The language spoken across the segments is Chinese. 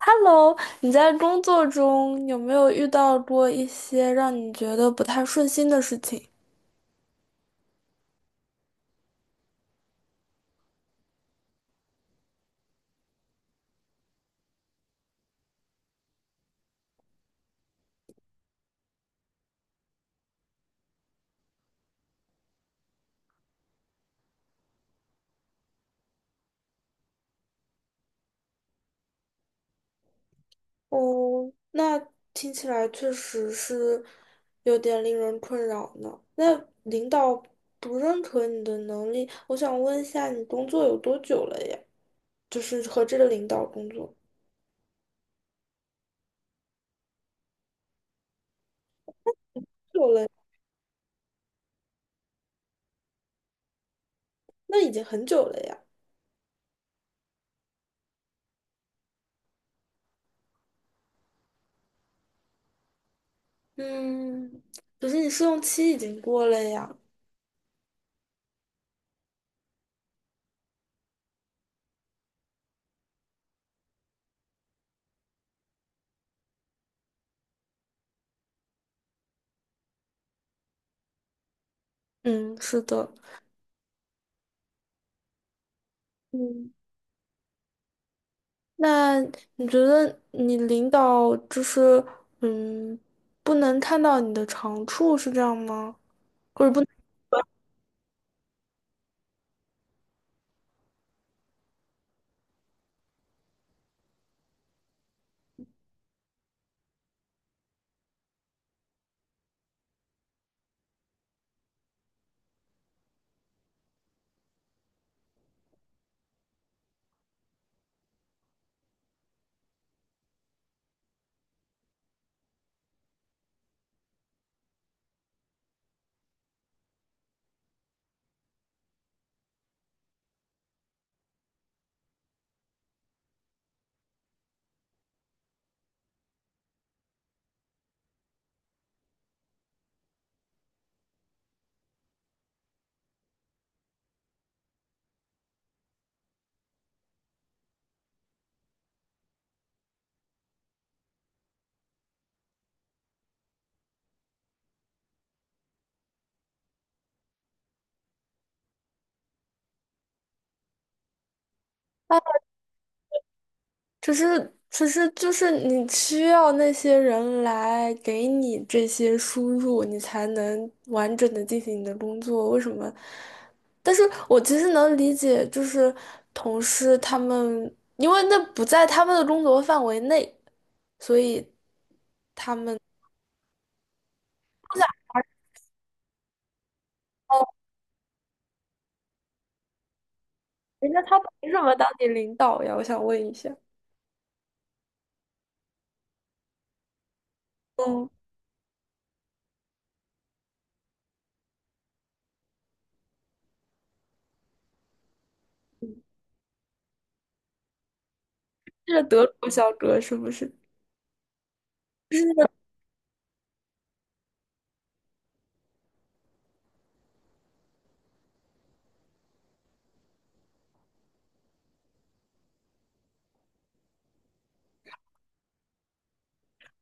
Hello,你在工作中有没有遇到过一些让你觉得不太顺心的事情？哦，那听起来确实是有点令人困扰呢。那领导不认可你的能力，我想问一下，你工作有多久了呀？就是和这个领导工作久了，那已经很久了呀。嗯，可是你试用期已经过了呀。嗯，是的，嗯。那你觉得你领导就是嗯，不能看到你的长处是这样吗？或者不能，啊，只是就是你需要那些人来给你这些输入，你才能完整的进行你的工作。为什么？但是我其实能理解，就是同事他们，因为那不在他们的工作范围内，所以。他们。人家他凭什么当你领导呀？我想问一下。嗯，这是德国小哥是不是？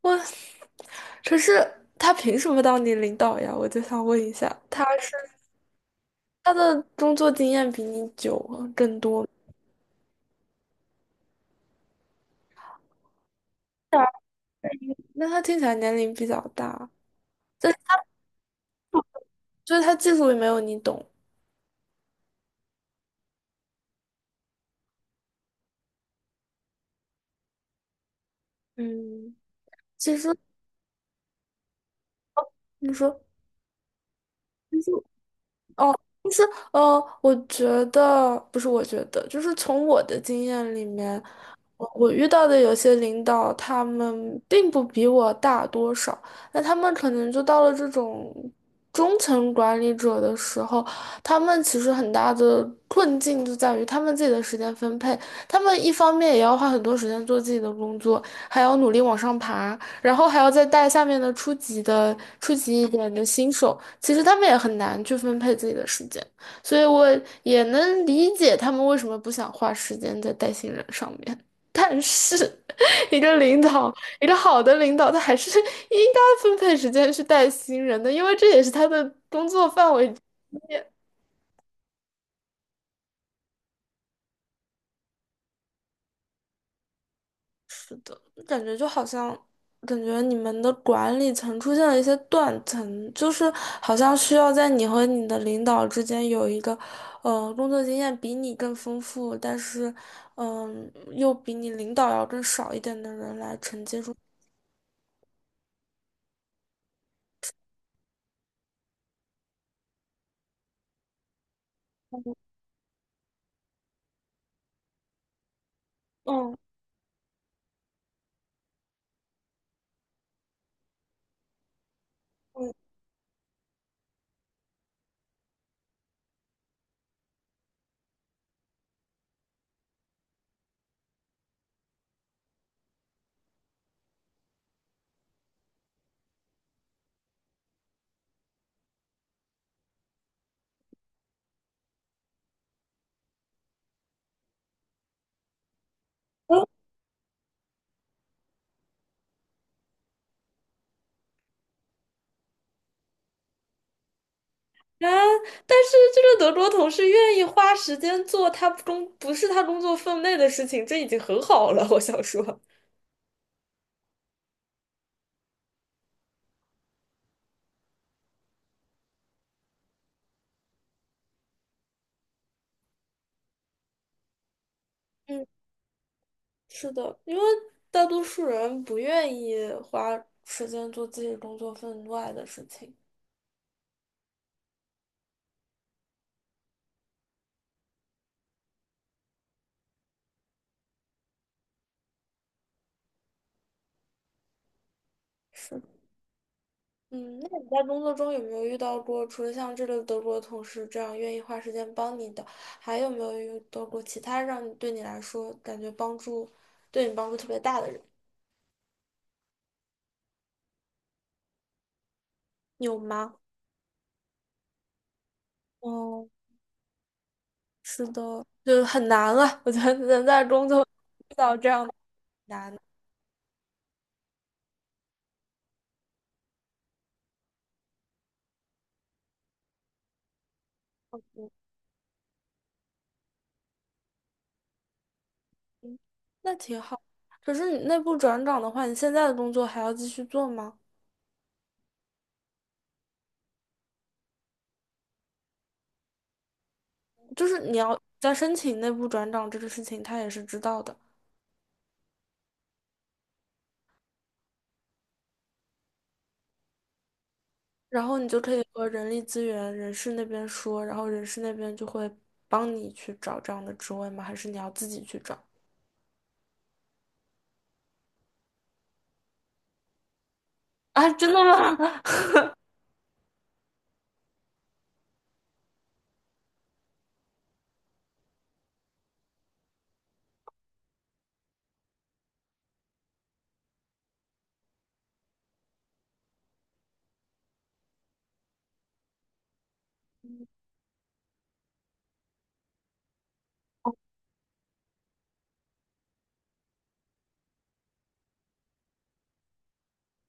我，可是他凭什么当你领导呀？我就想问一下，他是他的工作经验比你久啊更多，那他听起来年龄比较大，但就是他技术也没有你懂。嗯，其实你说。哦，就是我觉得不是，我觉得就是从我的经验里面，我遇到的有些领导，他们并不比我大多少，那他们可能就到了这种中层管理者的时候，他们其实很大的困境就在于他们自己的时间分配，他们一方面也要花很多时间做自己的工作，还要努力往上爬，然后还要再带下面的初级的、初级一点的新手，其实他们也很难去分配自己的时间，所以我也能理解他们为什么不想花时间在带新人上面。但是，一个领导，一个好的领导，他还是应该分配时间去带新人的，因为这也是他的工作范围之一。感觉就好像，感觉你们的管理层出现了一些断层，就是好像需要在你和你的领导之间有一个，工作经验比你更丰富，但是，嗯、又比你领导要更少一点的人来承接住。嗯，啊，但是这个德国同事愿意花时间做他工不是他工作分内的事情，这已经很好了。我想说，嗯。是的，因为大多数人不愿意花时间做自己工作分外的事情。是的嗯，那你在工作中有没有遇到过，除了像这个德国同事这样愿意花时间帮你的，还有没有遇到过其他让你对你来说感觉帮助，对你帮助特别大的人？有吗？哦，是的，就是很难了。我觉得能在工作遇到这样的难，嗯那挺好。可是你内部转岗的话，你现在的工作还要继续做吗？就是你要在申请内部转岗这个事情，他也是知道的，然后你就可以和人力资源、人事那边说，然后人事那边就会帮你去找这样的职位吗？还是你要自己去找？啊，真的吗？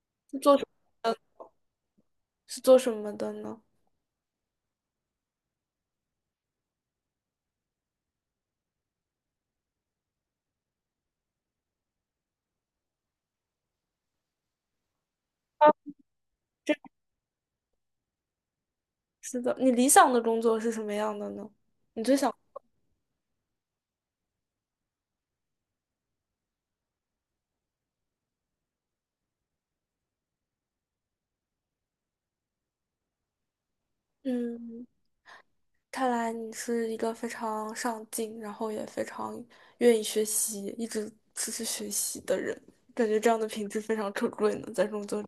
是做什么的是做什么的呢？啊，是的，你理想的工作是什么样的呢？你最想，嗯，看来你是一个非常上进，然后也非常愿意学习，一直持续学习的人，感觉这样的品质非常可贵呢，在工作。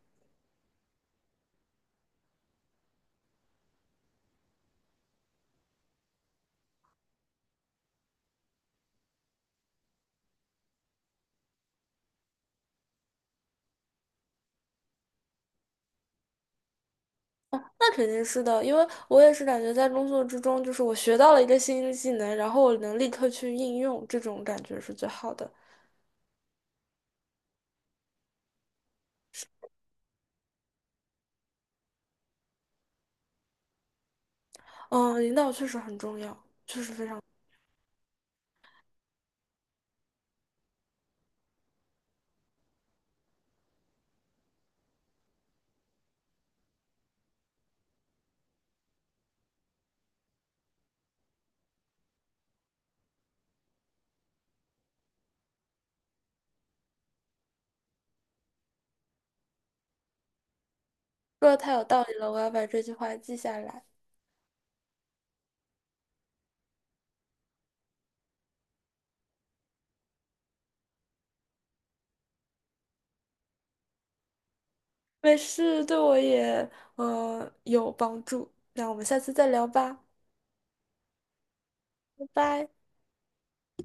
那肯定是的，因为我也是感觉在工作之中，就是我学到了一个新技能，然后我能立刻去应用，这种感觉是最好的。嗯，领导确实很重要，确实非常，说的太有道理了，我要把这句话记下来。没事，对我也有帮助。那我们下次再聊吧，拜拜。